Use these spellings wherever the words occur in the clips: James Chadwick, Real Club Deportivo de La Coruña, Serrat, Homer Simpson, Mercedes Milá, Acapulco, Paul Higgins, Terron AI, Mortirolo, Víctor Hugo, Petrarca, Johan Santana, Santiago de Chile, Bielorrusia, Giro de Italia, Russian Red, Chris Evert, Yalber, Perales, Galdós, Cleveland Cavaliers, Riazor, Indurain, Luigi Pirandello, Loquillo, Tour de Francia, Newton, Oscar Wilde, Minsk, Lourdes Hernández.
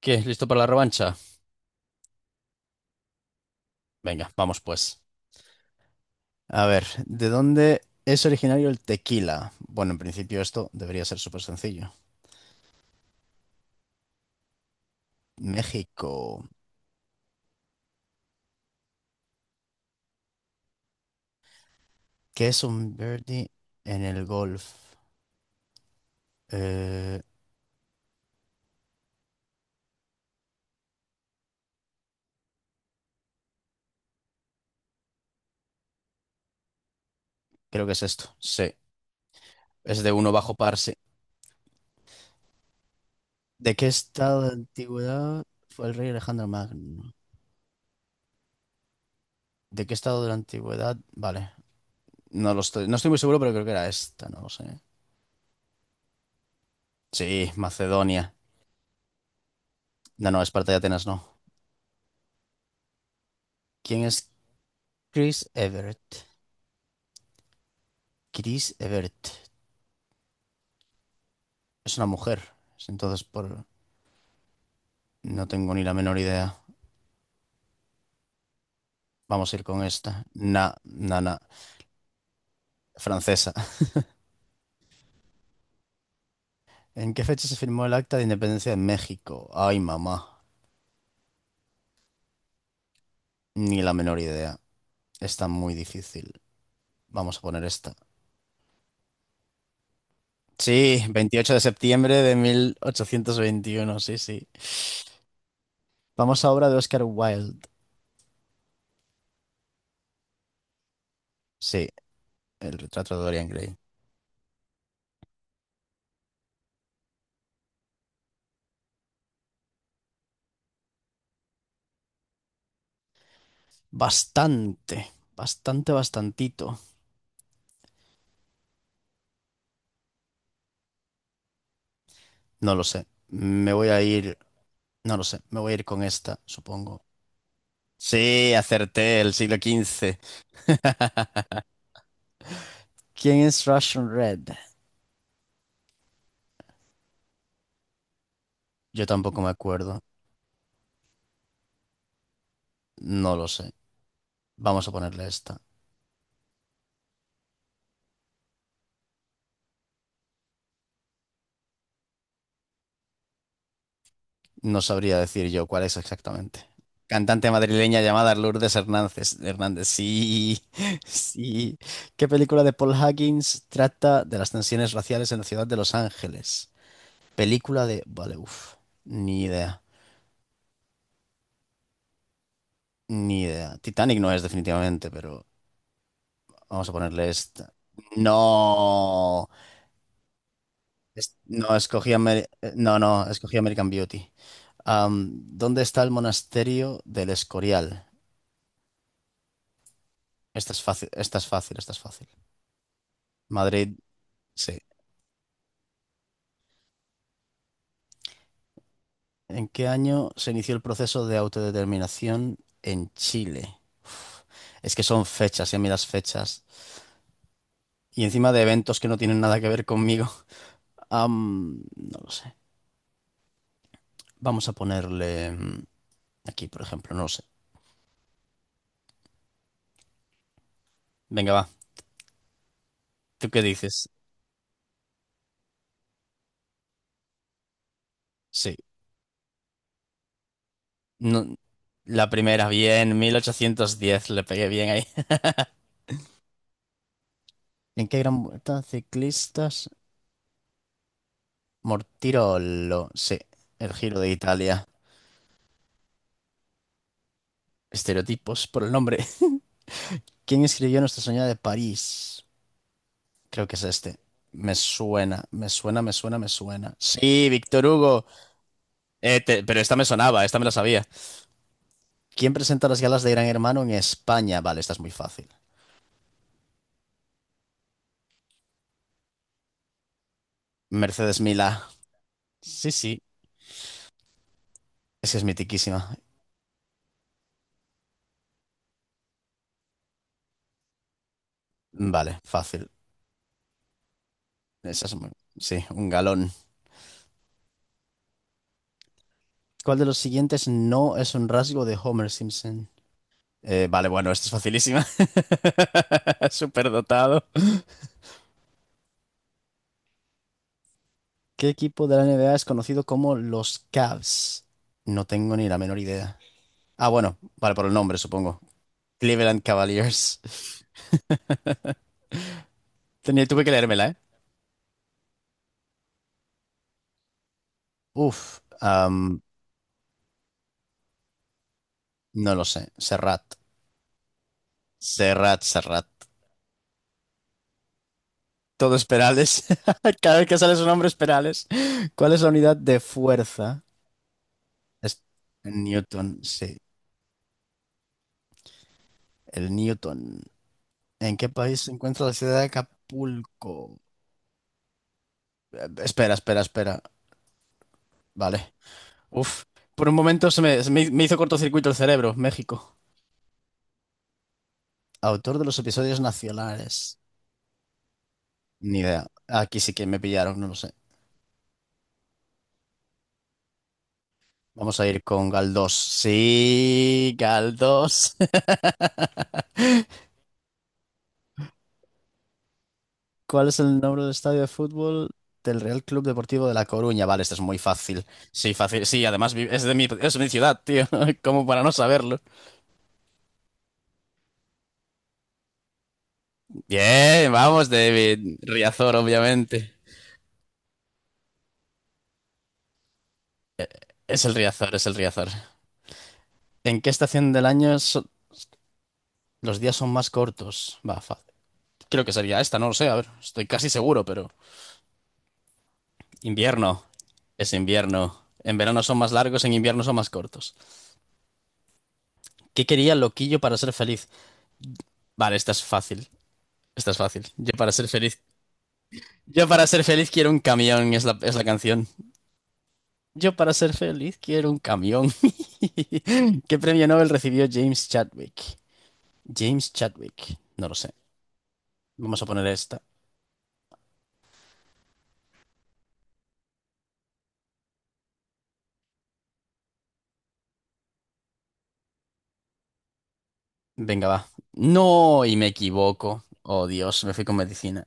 ¿Qué? ¿Listo para la revancha? Venga, vamos pues. A ver, ¿de dónde es originario el tequila? Bueno, en principio esto debería ser súper sencillo. México. ¿Qué es un birdie en el golf? Eh, Creo que es esto. Sí, es de uno bajo par, sí. ¿De qué estado de antigüedad fue el rey Alejandro Magno? ¿De qué estado de la antigüedad? Vale, no estoy muy seguro, pero creo que era esta, no lo sé. Sí, Macedonia. No, no, Esparta y Atenas no. ¿Quién es Chris Everett? Chris Evert. Es una mujer. Entonces, por... no tengo ni la menor idea. Vamos a ir con esta. Na, na, na. Francesa. ¿En qué fecha se firmó el Acta de Independencia de México? Ay, mamá. Ni la menor idea. Está muy difícil. Vamos a poner esta. Sí, 28 de septiembre de 1821. Sí, sí. Vamos a obra de Oscar Wilde. Sí, el retrato de Dorian Gray. Bastante. Bastante, bastantito. No lo sé. Me voy a ir No lo sé, me voy a ir con esta, supongo. Sí, acerté el siglo XV. ¿Quién es Russian Red? Yo tampoco me acuerdo. No lo sé. Vamos a ponerle esta. No sabría decir yo cuál es exactamente. Cantante madrileña llamada Lourdes Hernández. Hernández, sí, sí. ¿Qué película de Paul Higgins trata de las tensiones raciales en la ciudad de Los Ángeles? Película de... Vale, uff. Ni idea. Ni idea. Titanic no es definitivamente, pero... Vamos a ponerle esta. No. No, no, no, escogí American Beauty. Am, ¿Dónde está el monasterio del Escorial? Esta es fácil, esta es fácil, esta es fácil. Madrid, sí. ¿En qué año se inició el proceso de autodeterminación en Chile? Uf, es que son fechas, y a mí las fechas. Y encima de eventos que no tienen nada que ver conmigo. No lo sé. Vamos a ponerle aquí, por ejemplo, no lo sé. Venga, va. ¿Tú qué dices? Sí. No, la primera, bien, 1810 le pegué bien ahí. ¿En qué gran vuelta ciclistas? Mortirolo, sí, el Giro de Italia. Estereotipos por el nombre. ¿Quién escribió Nuestra Señora de París? Creo que es este. Me suena, me suena, me suena, me suena. Sí, Víctor Hugo. Pero esta me sonaba, esta me la sabía. ¿Quién presenta las galas de Gran Hermano en España? Vale, esta es muy fácil. Mercedes Milá. Sí, sí, es que es mitiquísima. Vale, fácil. Esa es muy- sí, un galón. ¿Cuál de los siguientes no es un rasgo de Homer Simpson? Vale, bueno, esto es facilísima. Superdotado. ¿Qué equipo de la NBA es conocido como los Cavs? No tengo ni la menor idea. Ah, bueno, vale, por el nombre, supongo. Cleveland Cavaliers. Tuve que leérmela, ¿eh? Uf, no lo sé. Serrat. Serrat, Serrat. Todo es Perales. Cada vez que sale su nombre es Perales. ¿Cuál es la unidad de fuerza? Es Newton, sí, el Newton. ¿En qué país se encuentra la ciudad de Acapulco? Espera, espera, espera. Vale. Uf, por un momento se me hizo cortocircuito el cerebro. México. Autor de los episodios nacionales. Ni idea. Aquí sí que me pillaron, no lo sé. Vamos a ir con Galdós. Sí, Galdós. ¿Cuál es el nombre del estadio de fútbol del Real Club Deportivo de La Coruña? Vale, este es muy fácil. Sí, fácil. Sí, además es de mi ciudad, tío. Como para no saberlo. Bien, vamos, David. Riazor, obviamente. Es el Riazor, es el Riazor. ¿En qué estación del año los días son más cortos? Va, fácil. Creo que sería esta, no lo sé, a ver, estoy casi seguro, pero... Invierno, es invierno. En verano son más largos, en invierno son más cortos. ¿Qué quería Loquillo para ser feliz? Vale, esta es fácil, esta es fácil. Yo para ser feliz... Yo para ser feliz quiero un camión, es la canción. Yo para ser feliz quiero un camión. ¿Qué premio Nobel recibió James Chadwick? James Chadwick. No lo sé. Vamos a poner esta. Venga, va. No, y me equivoco. Oh, Dios, me fui con medicina.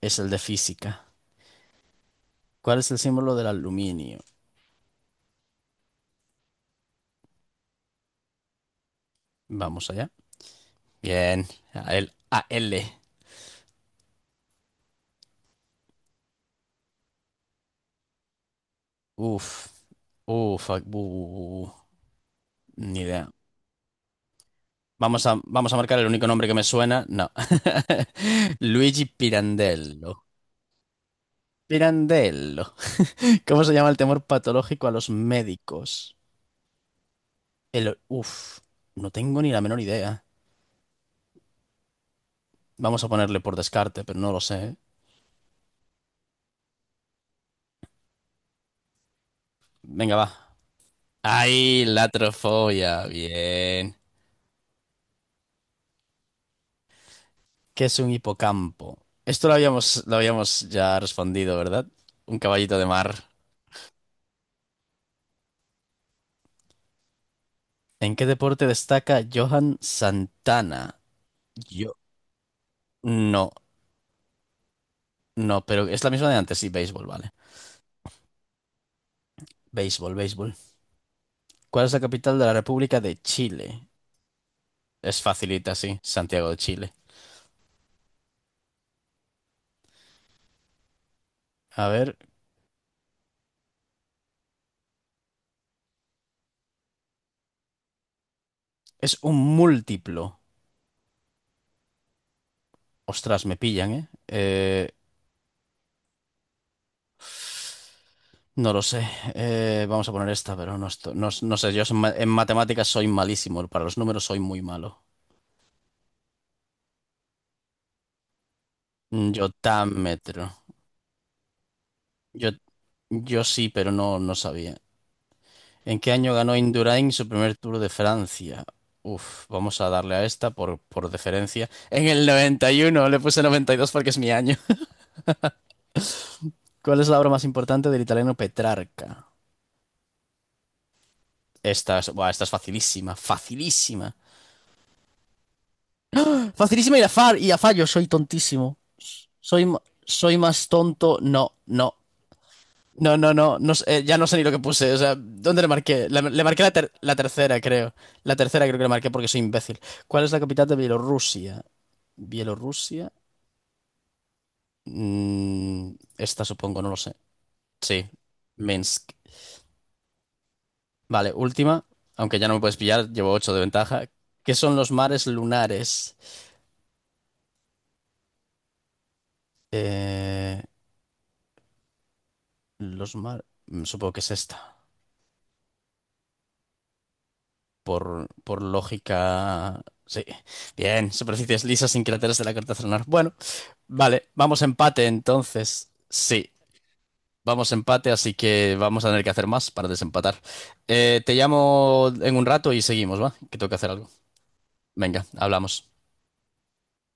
Es el de física. ¿Cuál es el símbolo del aluminio? Vamos allá. Bien. AL. AL. Uf. Uf. Ni idea. Vamos a marcar el único nombre que me suena. No. Luigi Pirandello. Pirandello. ¿Cómo se llama el temor patológico a los médicos? El... Uf. No tengo ni la menor idea. Vamos a ponerle por descarte, pero no lo sé. ¿Eh? Venga, va. Ahí, la trofobia. Bien. ¿Qué es un hipocampo? Esto lo habíamos ya respondido, ¿verdad? Un caballito de mar. ¿En qué deporte destaca Johan Santana? Yo. No, no, pero es la misma de antes. Sí, béisbol, vale. Béisbol, béisbol. ¿Cuál es la capital de la República de Chile? Es facilita, sí. Santiago de Chile. A ver. Es un múltiplo. Ostras, me pillan, ¿eh? No lo sé. Vamos a poner esta, pero no, no, no sé. Yo soy en matemáticas soy malísimo. Para los números soy muy malo. Yotámetro. Yo, yo sí, pero no, no sabía. ¿En qué año ganó Indurain su primer Tour de Francia? Uf, vamos a darle a esta por deferencia. En el 91. Le puse 92 porque es mi año. ¿Cuál es la obra más importante del italiano Petrarca? Esta es, buah, esta es facilísima, facilísima. Facilísima y a fallo, soy tontísimo. Soy, soy más tonto. No, no. No, no, no. Ya no sé ni lo que puse. O sea, ¿dónde le marqué? Le marqué la tercera, creo. La tercera creo que le marqué porque soy imbécil. ¿Cuál es la capital de Bielorrusia? Bielorrusia. Esta supongo, no lo sé. Sí, Minsk. Vale, última. Aunque ya no me puedes pillar, llevo 8 de ventaja. ¿Qué son los mares lunares? Eh, los mares... Supongo que es esta, por lógica. Sí, bien, superficies lisas sin cráteres de la carta lunar. Bueno, vale, vamos a empate entonces. Sí, vamos a empate, así que vamos a tener que hacer más para desempatar. Te llamo en un rato y seguimos, ¿va? Que tengo que hacer algo. Venga, hablamos.